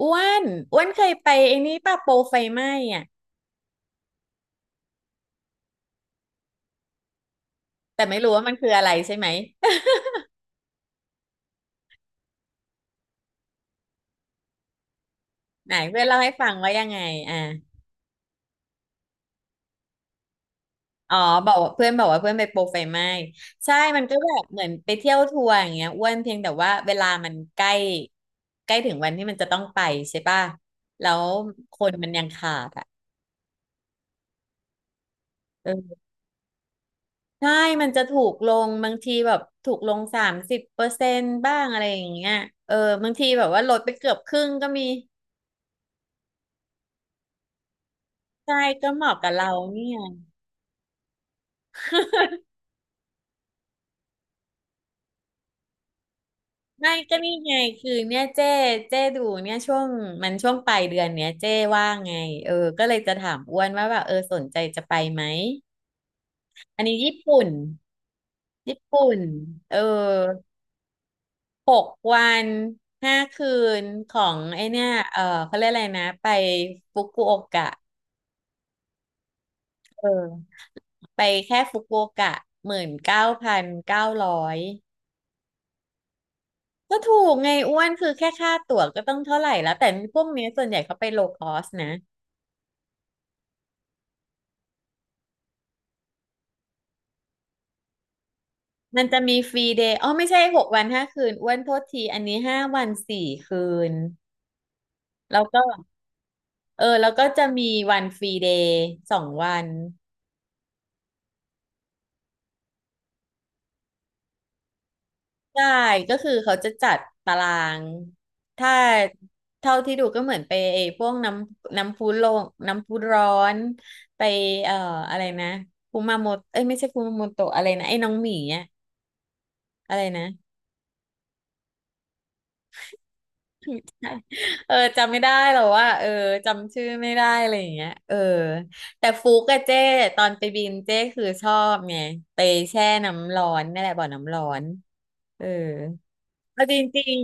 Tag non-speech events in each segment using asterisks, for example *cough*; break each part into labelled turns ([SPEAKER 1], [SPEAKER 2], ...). [SPEAKER 1] อ้วนอ้วนเคยไปไอ้นี่ป่ะโปรไฟไหม้อ่ะแต่ไม่รู้ว่ามันคืออะไรใช่ไหม *laughs* ไหนเพื่อนเล่าให้ฟังว่ายังไงอ่ะอ๋อบอกว่าเพื่อนบอกว่าเพื่อนไปโปรไฟไหม้ใช่มันก็แบบเหมือนไปเที่ยวทัวร์อย่างเงี้ยอ้วนเพียงแต่ว่าเวลามันใกล้ใกล้ถึงวันที่มันจะต้องไปใช่ป่ะแล้วคนมันยังขาดอ่ะเออใช่มันจะถูกลงบางทีแบบถูกลง30%บ้างอะไรอย่างเงี้ยเออบางทีแบบว่าลดไปเกือบครึ่งก็มีใช่ก็เหมาะกับเราเนี่ย ไม่ก็นี่ไงคือเนี่ยเจ้ดูเนี่ยช่วงมันช่วงปลายเดือนเนี้ยเจ้ว่างไงเออก็เลยจะถามอ้วนว่าแบบเออสนใจจะไปไหมอันนี้ญี่ปุ่นญี่ปุ่นเออหกวันห้าคืนของไอเนี่ยเออเขาเรียกอะไรนะไปฟุกุโอกะเออไปแค่ฟุกุโอกะ19,900ก็ถูกไงอ้วนคือแค่ค่าตั๋วก็ต้องเท่าไหร่แล้วแต่พวกเนี้ยส่วนใหญ่เขาไปโลคอสนะ มันจะมีฟรีเดย์อ๋อไม่ใช่หกวันห้าคืนอ้วนโทษทีอันนี้5 วัน 4 คืน แล้วก็เออ แล้วก็จะมีวันฟรีเดย์สองวันใช่ก็คือเขาจะจัดตาราง ถ้าเท่าที่ดูก็เหมือนไปไอ้พวกน้ำพุลงน้ำพุร้อนไปเอ่ออะไรนะคุมาโมโตเอ้ยไม่ใช่คุมาโมโตะอะไรนะ ไอ้น้องหมีอะอะไรนะ เออจำไม่ได้หรอกว่าเออจำชื่อไม่ได้อะไรอย่างเงี้ยเออแต่ฟุกกับเจ้ตอนไปบินเจ้คือชอบไงไปแช่น้ำร้อนนั่นแหละบ่อน้ำร้อนเออเอาจริง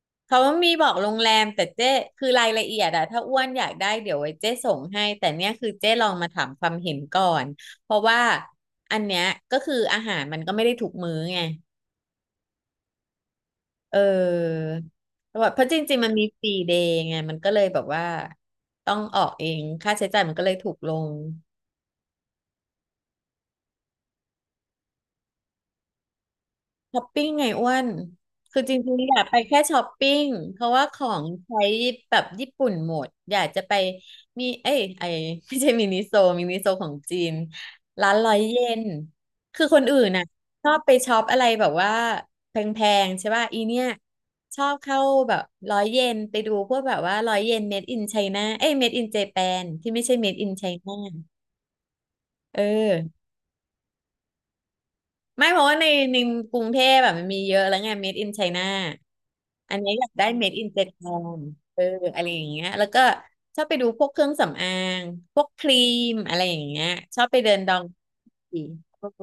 [SPEAKER 1] ๆเขามีบอกโรงแรมแต่เจ้คือรายละเอียดอะถ้าอ้วนอยากได้เดี๋ยวไว้เจ้ส่งให้แต่เนี่ยคือเจ้ลองมาถามความเห็นก่อนเพราะว่าอันเนี้ยก็คืออาหารมันก็ไม่ได้ถูกมื้อไง เออแเพราะจริงๆมันมีฟรีเดย์ไง มันก็เลยแบบว่าต้องออกเอง ค่าใช้จ่ายมันก็เลยถูกลง ช้อปปิ้งไงอ้วน คือจริงๆอยากไปแค่ช้อปปิ้ง เพราะว่าของใช้แบบญี่ปุ่นหมดอยากจะไปมีเอ้ยไอ *laughs* ไม่ใช่มินิโซมินิโซของจีนร้านร้อยเยนคือคนอื่นน่ะชอบไปช็อปอะไรแบบว่าแพงๆใช่ป่ะอีเนี่ยชอบเข้าแบบร้อยเยนไปดูพวกแบบว่าร้อยเยนเมดอินไชน่าเอ้ยเมดอินเจแปนที่ไม่ใช่เมดอินไชน่ a เออ ไม่เพราะว่าในกรุงเทพแบบมันมีเยอะแล้วไง Made in China อันนี้อยากได้ Made in Japan เอออะไรอย่างเงี้ยแล้วก็ชอบไปดูพวกเครื่องสำอางพวกครีมอะไรอย่างเงี้ยชอบไปเดินดองกีเออ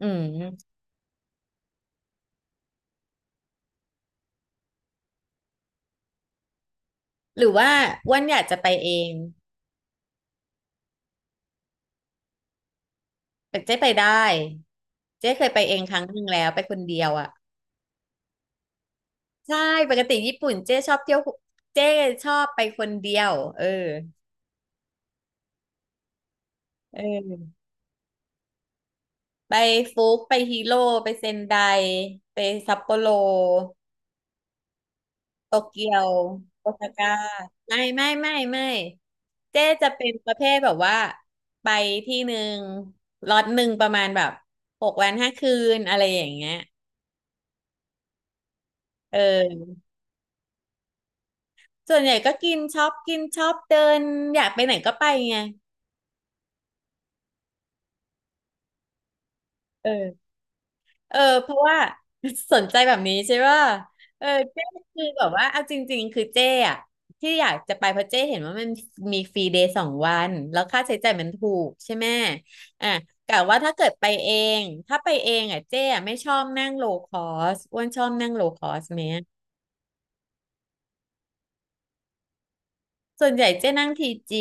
[SPEAKER 1] อืมหรือว่าอ้วันอยากจะไปเองแต่เจ๊ไปได้เจ๊เคยไปเองครั้งหนึ่งแล้วไปคนเดียวอ่ะใช่ปกติญี่ปุ่นเจ๊ชอบเที่ยวเจ๊ชอบไปคนเดียวเออเออ ไปฟุกไปฮิโร่ไปเซนไดไปซัปโปโรโตเกียวโอซาก้าไม่ไม่ไม่ไม่เจ๊จะเป็นประเภทแบบว่าไปที่หนึ่งล็อตหนึ่งประมาณแบบหกวันห้าคืนอะไรอย่างเงี้ยเออส่วนใหญ่ก็กินช็อปกินช็อปเดินอยากไปไหนก็ไปไงเออ เออเพราะว่า *laughs* สนใจแบบนี้ใช่ป่ะเออเจ้คือแบบว่าเอาจริงๆคือเจ้อะที่อยากจะไปเพราะเจ้เห็นว่ามันมีฟรีเดย์สองวันแล้วค่าใช้จ่ายมันถูกใช่ไหมอ่ะกะว่าถ้าเกิดไปเองถ้าไปเองอ่ะเจ้อะไม่ชอบนั่งโลคอสอ้วนชอบนั่งโลคอสไหมส่วนใหญ่เจ้นั่งทีจี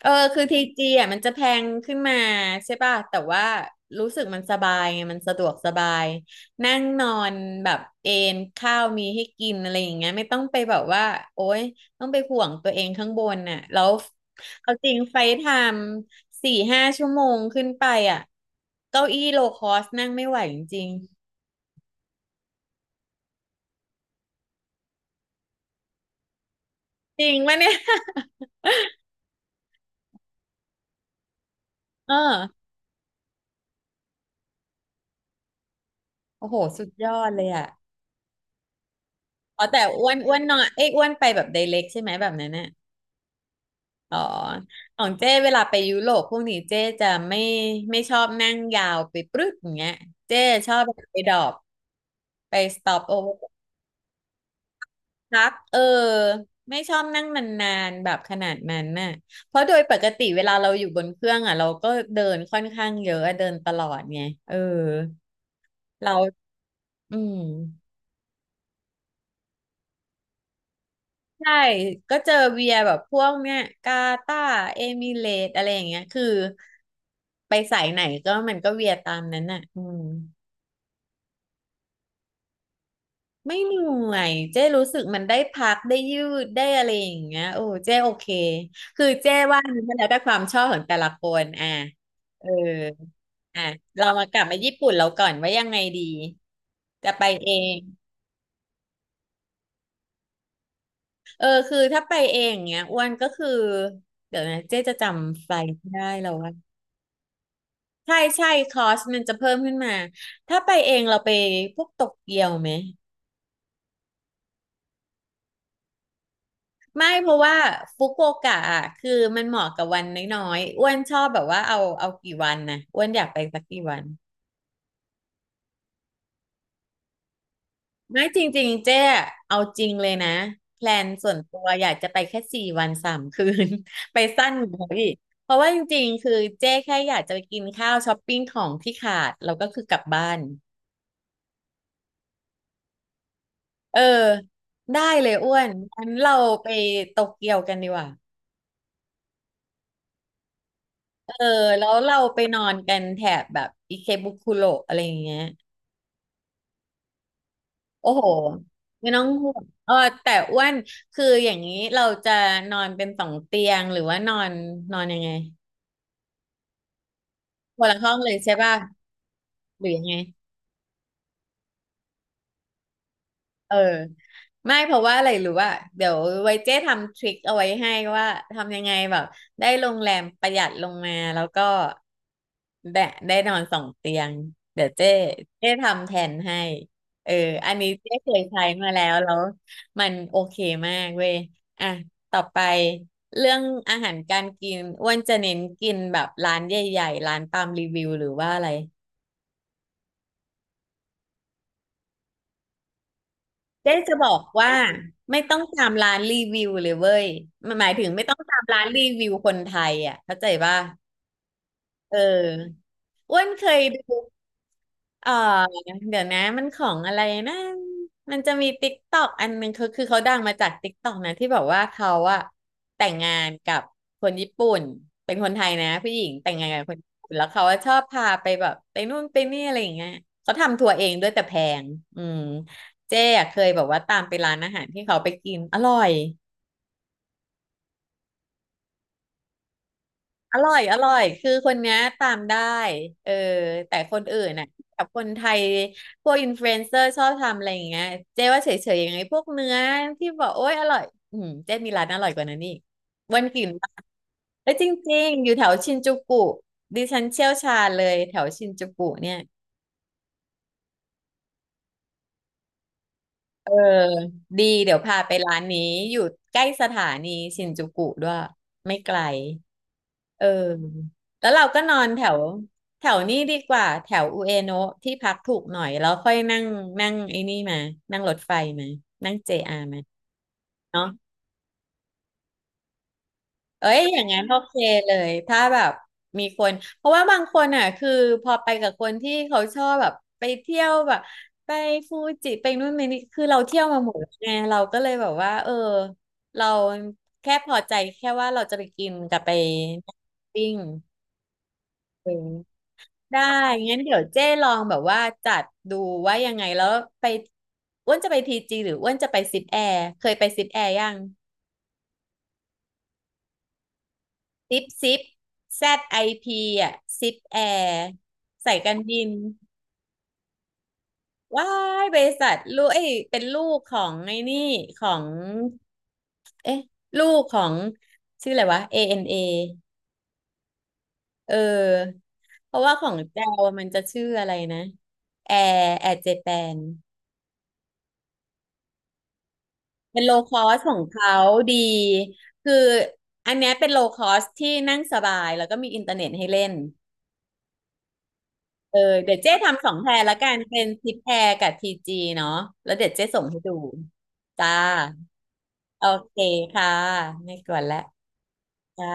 [SPEAKER 1] เออคือทีจีอ่ะมันจะแพงขึ้นมาใช่ป่ะแต่ว่ารู้สึกมันสบายไงมันสะดวกสบายนั่งนอนแบบเอนข้าวมีให้กินอะไรอย่างเงี้ยไม่ต้องไปแบบว่าโอ๊ยต้องไปห่วงตัวเองข้างบนน่ะแล้วเอาจริงไฟทม์4-5 ชั่วโมงขึ้นไปอ่ะเก้าอี้โลคอสนั่งไม่ไหวจริงๆจริงปะเนี่ย *laughs* เออโอ้โหสุดยอดเลยอ่ะอ๋อแต่อ้วนอ้วนนอนเอ้ยอ้วนไปแบบไดเรกใช่ไหมแบบนั้นน่ะ อ๋อของเจ้เวลาไปยุโรปพวกนี้เจ้จะไม่ชอบนั่งยาวไปปรึ๊ดอย่างเงี้ยเจ้ชอบไปดรอปไปสต็อปโอเวอร์พักไม่ชอบนั่งนานๆแบบขนาดนั้นน่ะเพราะโดยปกติเวลาเราอยู่บนเครื่องอ่ะเราก็เดินค่อนข้างเยอะเดินตลอดไงเออเราอืมใช่ก็เจอเวียแบบพวกเนี้ยกาตาร์เอมิเรตส์อะไรอย่างเงี้ยคือไปสายไหนก็มันก็เวียตามนั้นน่ะอืม ไม่เหนื่อยเจ้รู้สึกมันได้พักได้ยืดได้อะไรอย่างเงี้ยโอ้เจ้โอเคคือเจ้ว่ามันแล้วแต่ความชอบของแต่ละคนอ่ะเอออ่ะเรามากลับมาญี่ปุ่นเราก่อนว่ายังไงดีจะไปเองเออคือถ้าไปเองเงี้ยอ้วนก็คือเดี๋ยวนะเจ๊จะจำไฟล์ไม่ได้แล้วว่าใช่ใช่คอสมันจะเพิ่มขึ้นมาถ้าไปเองเราไปพวกโตเกียวไหม ไม่เพราะว่าฟุกุโอกะอะคือมันเหมาะกับวันน้อยๆอ้วนชอบแบบว่าเอากี่วันนะอ้วนอยากไปสักกี่วันไม่จริงๆเจ๊อะเอาจริงเลยนะแพลนส่วนตัวอยากจะไปแค่สี่วันสามคืน *laughs* ไปสั้นกว่าเขาอีกเพราะว่าจริงๆคือเจ๊แค่อยากจะไปกินข้าวช้อปปิ้งของที่ขาดแล้วก็คือกลับบ้านเออได้เลยอ้วนงั้นเราไปโตเกียวกันดีกว่าเออแล้วเราไปนอนกันแถบแบบอิเคบุคุโระอะไรอย่างเงี้ย โอ้โหไม่ต้องห่วงเออแต่อ้วนคืออย่างนี้เราจะนอนเป็นสองเตียง หรือว่านอนนอนยังไงคนละห้องเลยใช่ป่ะ หรือยังไง เออไม่เพราะว่าอะไรรู้ว่าเดี๋ยวไว้เจ๊ทำทริคเอาไว้ให้ว่าทำยังไงแบบได้โรงแรมประหยัดลงมาแล้วก็ได้ได้นอนสองเตียงเดี๋ยวเจ๊ทำแทนให้เอออันนี้เจ๊เคยใช้มาแล้วมันโอเคมากเว้ยอ่ะต่อไปเรื่องอาหารการกินอ้วนจะเน้นกินแบบร้านใหญ่ๆร้านตามรีวิวหรือว่าอะไร เจ๊จะบอกว่าไม่ต้องตามร้านรีวิวเลยเว้ยมันหมายถึงไม่ต้องตามร้านรีวิวคนไทยอ่ะเข้าใจป่ะเอออ้วนเคยดู เออเดี๋ยวนะมันของอะไรนะมันจะมีติ๊กตอกอันหนึงเขาคือเขาดังมาจากติ๊กตอกนะที่แบบว่าเขาอะแต่งงานกับคนญี่ปุ่นเป็นคนไทยนะผู้หญิงแต่งงานกับคนญี่ปุ่นแล้วเขาอะชอบพาไปแบบไปนู่นไปนี่อะไรอย่างเงี้ยเขาทำทัวร์เองด้วยแต่แพงอืมเจ๊อะเคยแบบว่าตามไปร้านอาหารที่เขาไปกินอร่อย อร่อยคือคนเนี้ยตามได้เออแต่คนอื่นน่ะกับคนไทยพวกอินฟลูเอนเซอร์ชอบทำอะไรอย่างเงี้ยเจ๊ว่าเฉยๆยังไงพวกเนื้อที่บอกโอ๊ยอร่อยอืมเจ๊มีร้านอร่อยกว่านั้นอีกวันกินแล้วจริงๆอยู่แถวชินจูกุดิฉันเชี่ยวชาญเลยแถวชินจูกุเนี่ยเออดีเดี๋ยวพาไปร้านนี้อยู่ใกล้สถานีชินจูกุด้วยไม่ไกล เออแล้วเราก็นอนแถวแถวนี้ดีกว่าแถวอุเอโนะที่พักถูกหน่อยแล้วค่อยนั่งนั่งไอ้นี่มานั่งรถไฟมานั่ง JR มาเนาะเอ้ยอย่างงั้นโอเคเลยถ้าแบบมีคนเพราะว่าบางคนอ่ะคือพอไปกับคนที่เขาชอบแบบไปเที่ยวแบบไปฟูจิไปนู่นไปนี่คือเราเที่ยวมาหมดแล้วไงเราก็เลยแบบว่าเออเราแค่พอใจแค่ว่าเราจะไปกินกับไปปิ้งเออ ได้งั้นเดี๋ยวเจ้ลองแบบว่าจัดดูว่ายังไงแล้วไปอ้วนจะไปทีจีหรืออ้วนจะไปซิปแอร์เคยไปซิปแอร์ยังซิปแซดไอพีอ่ะซิปแอร์สายการบินว้ายบริษัทลูกเอ้ยเป็นลูกของไอ้นี่ของเอ๊ะลูกของชื่ออะไรวะ ANA เอนเอเออเพราะว่าของแจวมันจะชื่ออะไรนะแอร์เจแปน เป็นโลคอสของเขาดี คืออันเนี้ยเป็นโลคอสที่นั่งสบายแล้วก็มีอินเทอร์เน็ตให้เล่นเออเดี๋ยวเจ๊ทำสองแพรละกันเป็นทิปแพรกับทีจีเนาะแล้วเดี๋ยวเจ๊ส่งให้ดูจ้าโอเคค่ะไม่กวนแล้วจ้า